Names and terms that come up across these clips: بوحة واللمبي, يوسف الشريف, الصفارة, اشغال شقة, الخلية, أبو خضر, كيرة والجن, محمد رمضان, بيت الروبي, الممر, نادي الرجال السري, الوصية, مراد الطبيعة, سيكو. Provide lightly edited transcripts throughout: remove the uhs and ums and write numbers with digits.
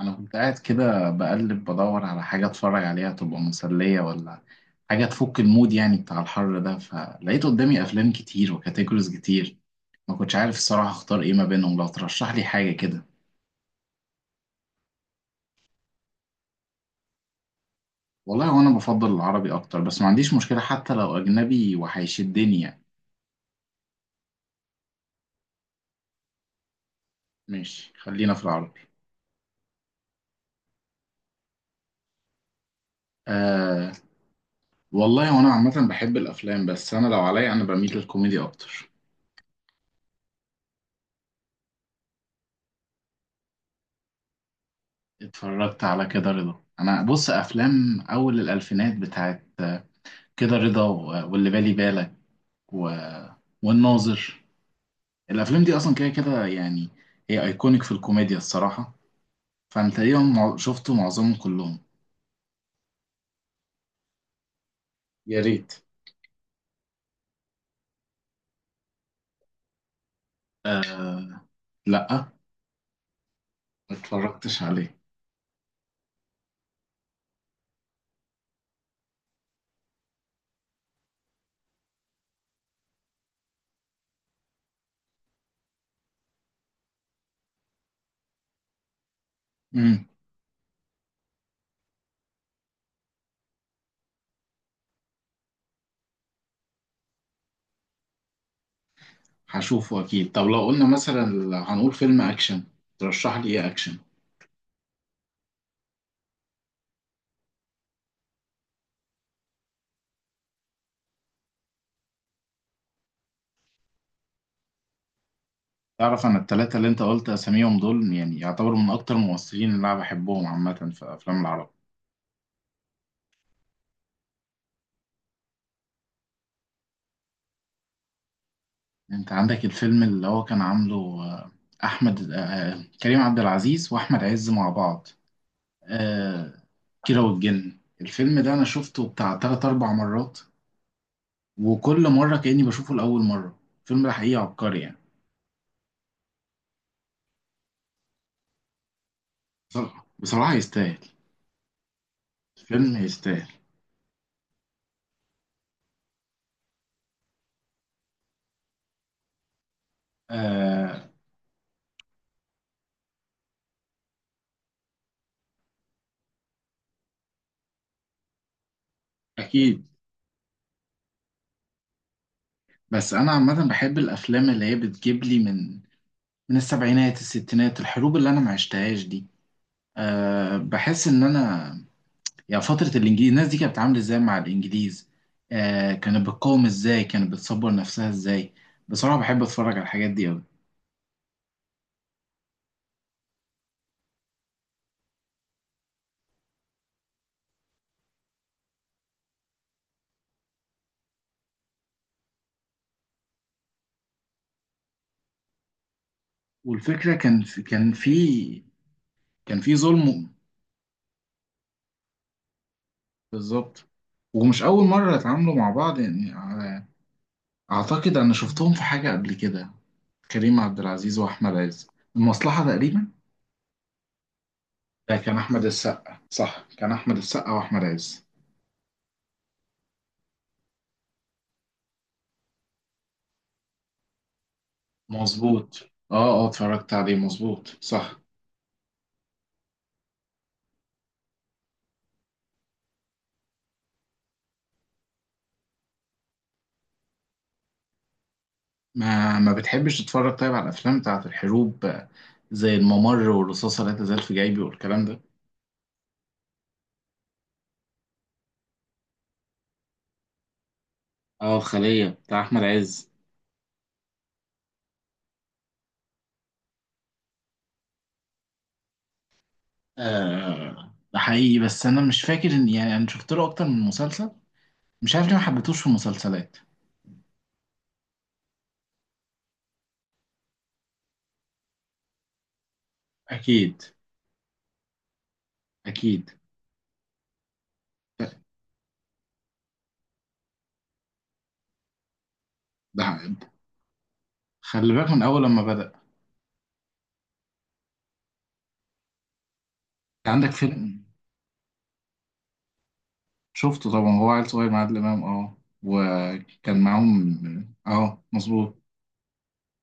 انا كنت قاعد كده بقلب بدور على حاجه اتفرج عليها تبقى مسليه، ولا حاجه تفك المود، يعني بتاع الحر ده. فلقيت قدامي افلام كتير وكاتيجوريز كتير، ما كنتش عارف الصراحه اختار ايه ما بينهم، لو ترشح لي حاجه كده. والله وانا بفضل العربي اكتر، بس ما عنديش مشكله حتى لو اجنبي وهيشدني يعني. ماشي، خلينا في العربي. آه. والله وانا عامه بحب الافلام، بس انا لو عليا انا بميل للكوميدي اكتر. اتفرجت على كده رضا، انا بص افلام اول الالفينات بتاعت كده رضا، واللي بالي بالك و... والناظر. الافلام دي اصلا كده كده يعني، هي ايكونيك في الكوميديا الصراحه. فانا تقريبا شفته معظمهم كلهم. يا ريت. لا، ما اتفرجتش عليه. امم هشوفه اكيد. طب لو قلنا مثلا، هنقول فيلم اكشن، ترشح لي ايه اكشن؟ تعرف انا التلاته اللي انت قلت اساميهم دول يعني يعتبروا من اكتر الممثلين اللي انا بحبهم عامه في افلام العرب. انت عندك الفيلم اللي هو كان عامله آه، احمد، كريم عبد العزيز واحمد عز مع بعض. آه، كيرة والجن، الفيلم ده انا شفته بتاع تلات اربع مرات، وكل مره كاني بشوفه لاول مره. الفيلم ده حقيقي عبقري يعني. بصراحه، بصراحة يستاهل. الفيلم يستاهل. آه، اكيد. بس انا عامه بحب الافلام اللي هي بتجيب لي من من السبعينات الستينات، الحروب اللي انا ما عشتهاش دي. أه، بحس ان انا يعني فترة الإنجليز، الناس دي كانت بتتعامل إزاي مع الإنجليز؟ آه، كانت بتقاوم إزاي؟ كانت بتصبر نفسها إزاي؟ بصراحة بحب أتفرج على الحاجات دي أوي. والفكرة كان في كان في ظلم. بالظبط. ومش أول مرة يتعاملوا مع بعض يعني أعتقد أنا شفتهم في حاجة قبل كده، كريم عبد العزيز وأحمد عز، المصلحة تقريبا. ده كان أحمد السقا، صح، كان أحمد السقا وأحمد عز. مظبوط، اه. اه اتفرجت عليه، مظبوط صح. ما بتحبش تتفرج طيب على الافلام بتاعت الحروب؟ زي الممر والرصاصه لا تزال في جيبي والكلام ده. اه، الخليه بتاع احمد عز. آه ده حقيقي، بس انا مش فاكر ان يعني انا شفت له اكتر من مسلسل، مش عارف ليه ما حبيتهوش في المسلسلات. اكيد. اكيد. ده حقيقي. خلي بالك من اول لما بدأ. كان عندك فيلم شفته طبعا، هو عيل صغير مع عادل امام، اه، وكان معاهم، اه، مظبوط.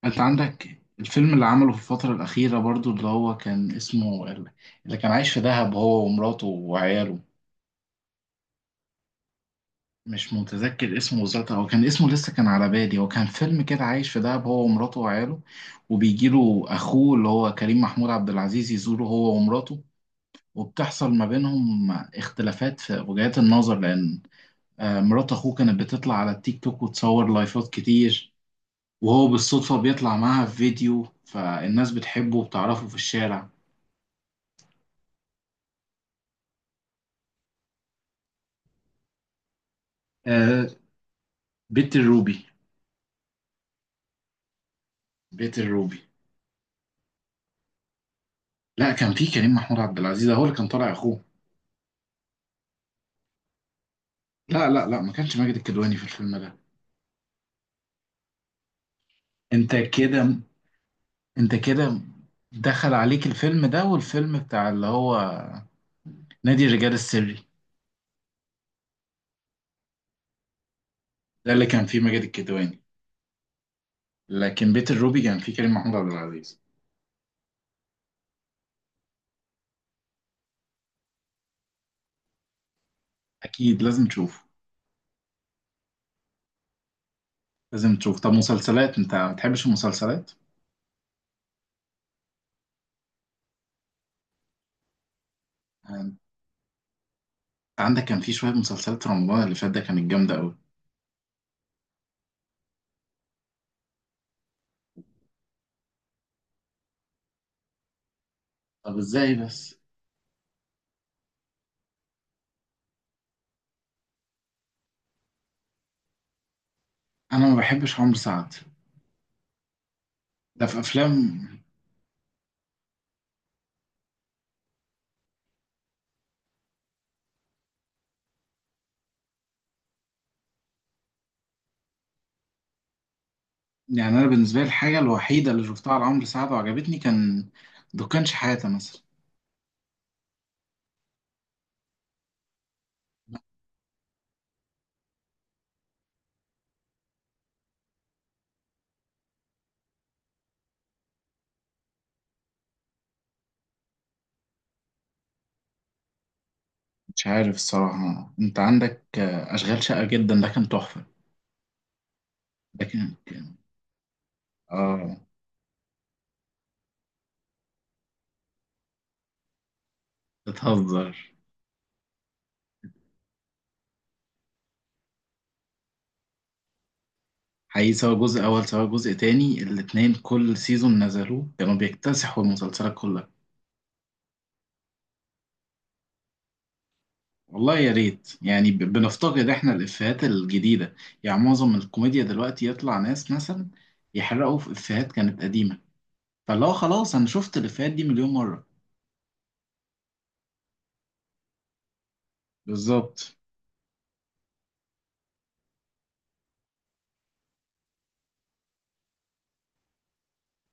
انت عندك الفيلم اللي عمله في الفترة الأخيرة برضو، اللي هو كان اسمه، اللي كان عايش في دهب هو ومراته وعياله. مش متذكر اسمه بالظبط، هو كان اسمه لسه كان على بالي، هو كان فيلم كده عايش في دهب هو ومراته وعياله، وبيجيله أخوه اللي هو كريم محمود عبد العزيز يزوره هو ومراته، وبتحصل ما بينهم اختلافات في وجهات النظر، لأن مرات أخوه كانت بتطلع على التيك توك وتصور لايفات كتير، وهو بالصدفة بيطلع معاها في فيديو، فالناس بتحبه وبتعرفه في الشارع. آه، بيت الروبي. بيت الروبي. لا كان في كريم محمود عبد العزيز، هو اللي كان طالع اخوه. لا، ما كانش ماجد الكدواني في الفيلم ده. انت كده. انت كده دخل عليك الفيلم ده، والفيلم بتاع اللي هو نادي الرجال السري. ده اللي كان فيه ماجد الكدواني، لكن بيت الروبي كان فيه كريم محمود عبد العزيز. اكيد لازم تشوفه. لازم تشوف. طب مسلسلات، انت ما بتحبش المسلسلات؟ انت عندك كان في شويه مسلسلات في رمضان اللي فات ده كانت جامده قوي. طب ازاي بس؟ انا ما بحبش عمرو سعد. ده في افلام، يعني انا بالنسبه لي الحاجه الوحيده اللي شفتها لعمرو سعد وعجبتني كان دكانش حياته مثلا. مش عارف الصراحه، انت عندك اشغال شقه، جدا ده كان تحفه. ده اه بتهزر. حقيقي، سواء جزء اول سواء جزء تاني، الاتنين كل سيزون نزلوه كانوا بيكتسحوا المسلسلات كلها. والله يا ريت، يعني بنفتقد احنا الافيهات الجديده، يعني معظم الكوميديا دلوقتي يطلع ناس مثلا يحرقوا في افيهات كانت قديمه، فاللي هو خلاص انا شفت الافيهات دي مليون مره. بالظبط.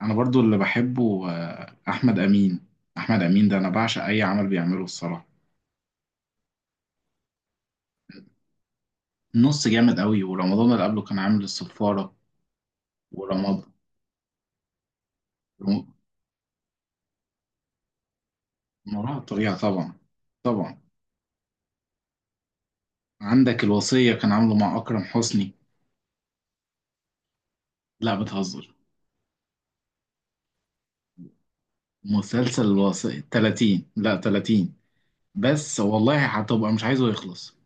انا برضو اللي بحبه احمد امين. احمد امين ده انا بعشق اي عمل بيعمله الصراحه. النص جامد قوي، ورمضان اللي قبله كان عامل الصفاره. ورمضان مراد الطبيعه طبعا. طبعا. عندك الوصيه كان عامله مع اكرم حسني. لا بتهزر. مسلسل الوصيه 30، لا 30، بس والله هتبقى مش عايزه يخلص.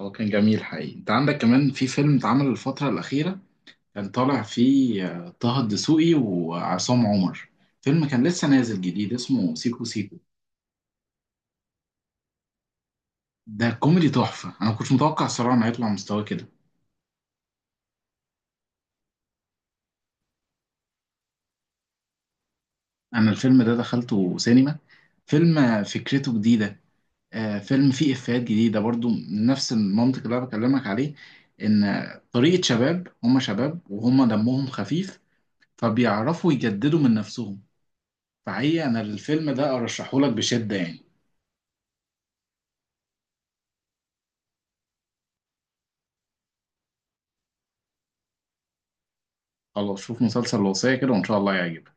هو كان جميل حقيقي. انت عندك كمان في فيلم اتعمل الفتره الاخيره، كان طالع فيه طه الدسوقي وعصام عمر، فيلم كان لسه نازل جديد اسمه سيكو سيكو. ده كوميدي تحفة، أنا ما كنتش متوقع الصراحة إنه هيطلع مستوى كده. أنا الفيلم ده دخلته سينما. فيلم فكرته جديدة، فيلم فيه إفيهات جديدة برضو من نفس المنطق اللي أنا بكلمك عليه، إن طريقة شباب، هما شباب وهما دمهم خفيف، فبيعرفوا يجددوا من نفسهم. فحقيقة أنا الفيلم ده أرشحهولك بشدة يعني. خلاص، شوف مسلسل الوصية كده وإن شاء الله يعجبك.